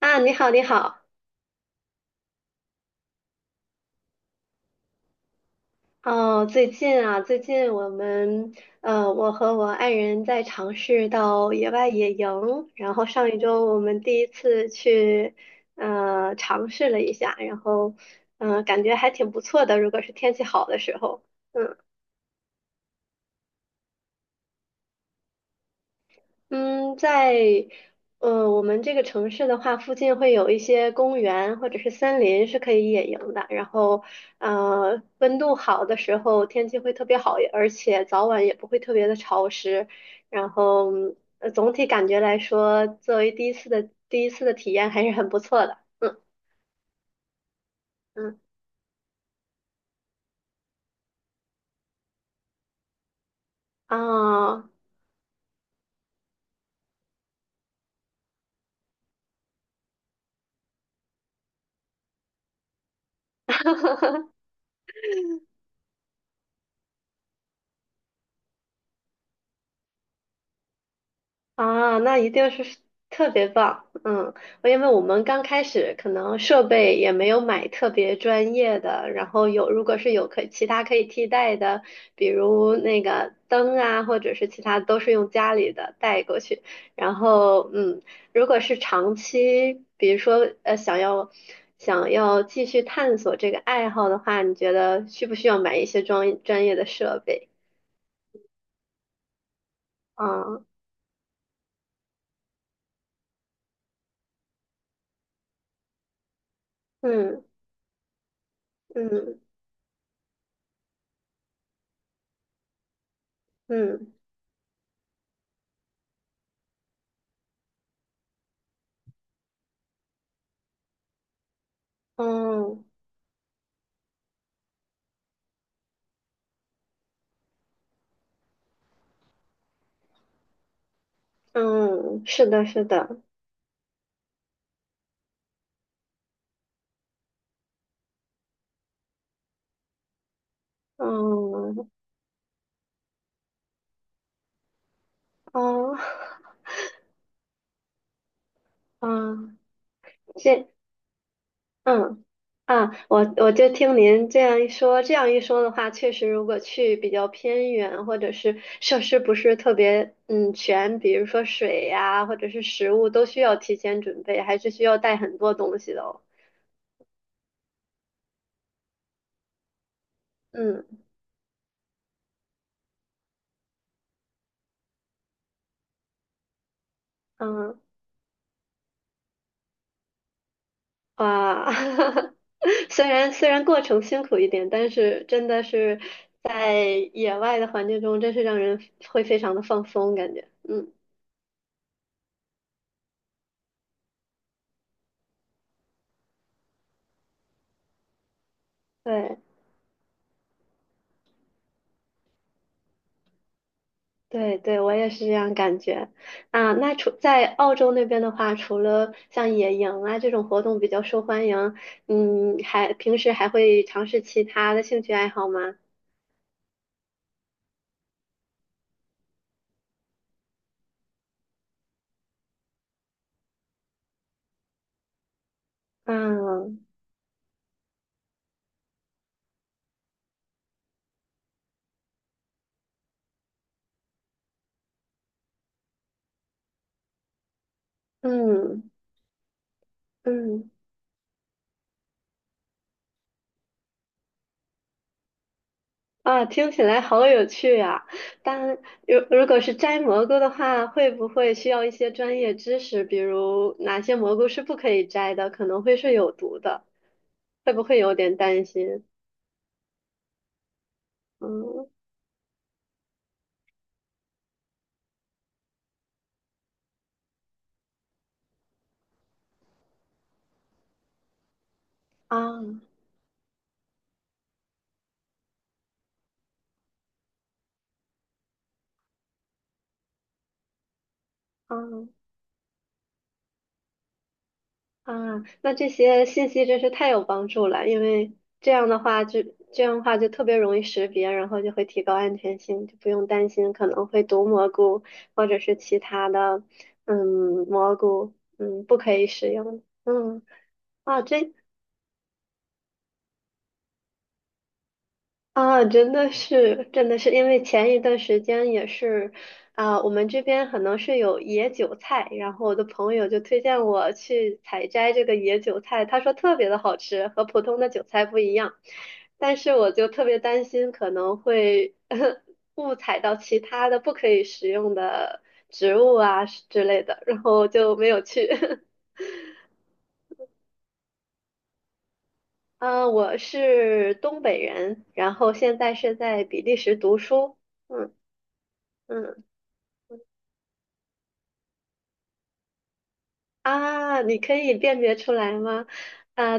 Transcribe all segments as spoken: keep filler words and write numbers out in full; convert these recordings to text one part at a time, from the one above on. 啊，你好，你好。哦，最近啊，最近我们呃，我和我爱人在尝试到野外野营，然后上一周我们第一次去呃尝试了一下，然后嗯、呃感觉还挺不错的，如果是天气好的时候，嗯。嗯，在呃我们这个城市的话，附近会有一些公园或者是森林是可以野营的。然后，呃，温度好的时候，天气会特别好，而且早晚也不会特别的潮湿。然后，呃总体感觉来说，作为第一次的第一次的体验还是很不错的。嗯。嗯。啊。哦。啊，那一定是特别棒，嗯，因为我们刚开始可能设备也没有买特别专业的，然后有如果是有可其他可以替代的，比如那个灯啊，或者是其他都是用家里的带过去，然后嗯，如果是长期，比如说呃想要想要继续探索这个爱好的话，你觉得需不需要买一些专专业的设备？啊，嗯。嗯。嗯。嗯。嗯，是的，是的，嗯，哦，嗯，这，嗯，啊，我我就听您这样一说，这样一说的话，确实，如果去比较偏远，或者是设施不是特别嗯全，比如说水呀、或者是食物，都需要提前准备，还是需要带很多东西的哦。嗯。嗯。哇。虽然虽然过程辛苦一点，但是真的是在野外的环境中，真是让人会非常的放松感觉。嗯，对对对，我也是这样感觉。啊，那除在澳洲那边的话，除了像野营啊这种活动比较受欢迎，嗯，还平时还会尝试其他的兴趣爱好吗？嗯。嗯。嗯。啊，听起来好有趣呀！但如如果是摘蘑菇的话，会不会需要一些专业知识？比如哪些蘑菇是不可以摘的，可能会是有毒的，会不会有点担心？嗯。啊。啊。啊，那这些信息真是太有帮助了，因为这样的话就这样的话就特别容易识别，然后就会提高安全性，就不用担心可能会毒蘑菇或者是其他的，嗯，蘑菇，嗯，不可以使用。嗯，啊，这，啊，真的是，真的是，因为前一段时间也是，啊、我们这边可能是有野韭菜，然后我的朋友就推荐我去采摘这个野韭菜，他说特别的好吃，和普通的韭菜不一样，但是我就特别担心可能会 误采到其他的不可以食用的植物啊之类的，然后就没有去。啊，我是东北人，然后现在是在比利时读书。嗯。嗯，啊，你可以辨别出来吗？啊，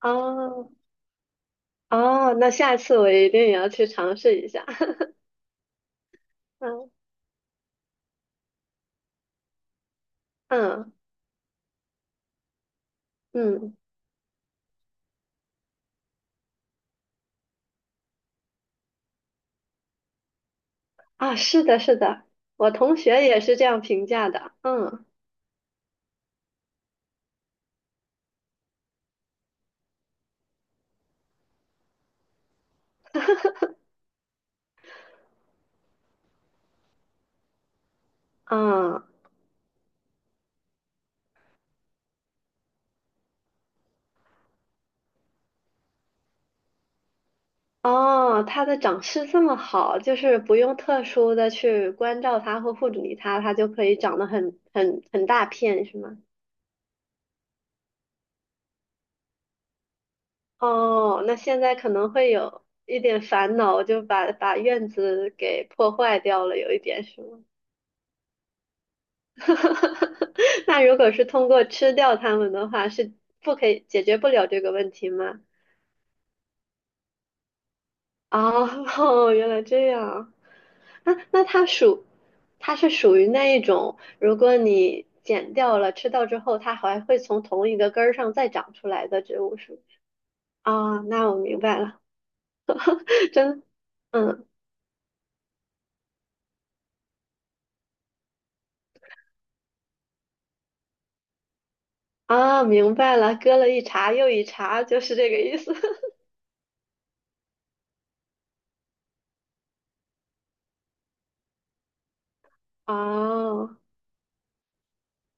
哦。哦，那下次我一定也要去尝试一下。嗯。嗯。嗯，啊，是的，是的，我同学也是这样评价的。嗯。嗯。哦，它的长势这么好，就是不用特殊的去关照它或护理它，它就可以长得很很很大片，是吗？哦，那现在可能会有一点烦恼，就把把院子给破坏掉了，有一点是吗？那如果是通过吃掉它们的话，是不可以解决不了这个问题吗？哦，哦原来这样。那那它属，它是属于那一种，如果你剪掉了吃掉之后，它还会从同一个根儿上再长出来的植物树。啊，那我明白了，真，嗯，啊，明白了，割了一茬又一茬，就是这个意思。哦。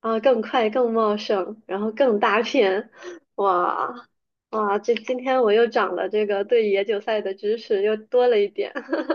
啊，更快、更茂盛，然后更大片，哇。哇！这今天我又长了这个对野韭菜的知识，又多了一点。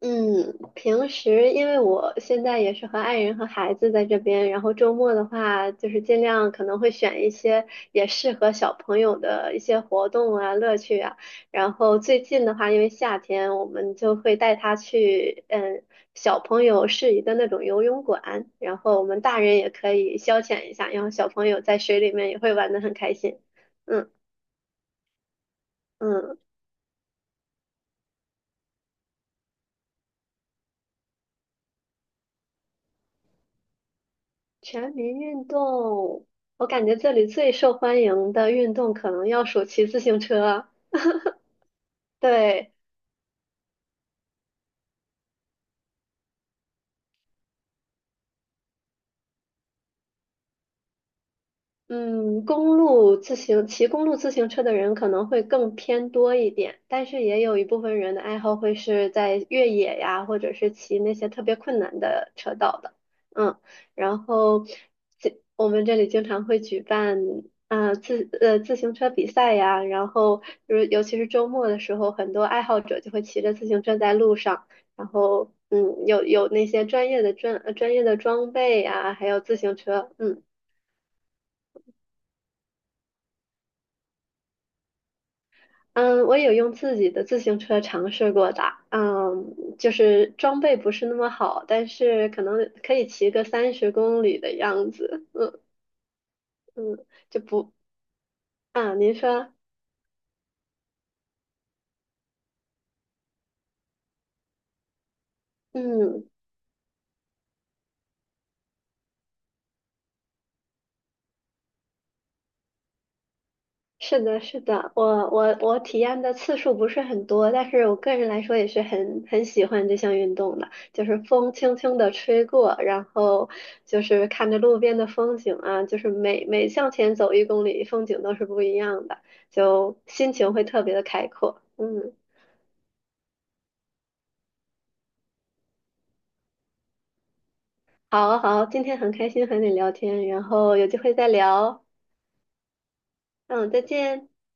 嗯，平时因为我现在也是和爱人和孩子在这边，然后周末的话，就是尽量可能会选一些也适合小朋友的一些活动啊、乐趣啊。然后最近的话，因为夏天，我们就会带他去嗯小朋友适宜的那种游泳馆，然后我们大人也可以消遣一下，然后小朋友在水里面也会玩得很开心。嗯。嗯。全民运动，我感觉这里最受欢迎的运动可能要数骑自行车。对，嗯，公路自行骑公路自行车的人可能会更偏多一点，但是也有一部分人的爱好会是在越野呀，或者是骑那些特别困难的车道的。嗯，然后这我们这里经常会举办啊、自呃自行车比赛呀，然后就是尤其是周末的时候，很多爱好者就会骑着自行车在路上，然后嗯有有那些专业的专呃专业的装备呀，还有自行车，嗯。嗯，我有用自己的自行车尝试过的，嗯，就是装备不是那么好，但是可能可以骑个三十公里的样子，嗯。嗯，就不啊，您说，嗯。是的，是的，我我我体验的次数不是很多，但是我个人来说也是很很喜欢这项运动的，就是风轻轻的吹过，然后就是看着路边的风景啊，就是每每向前走一公里，风景都是不一样的，就心情会特别的开阔。嗯，好好，今天很开心和你聊天，然后有机会再聊。嗯，再见。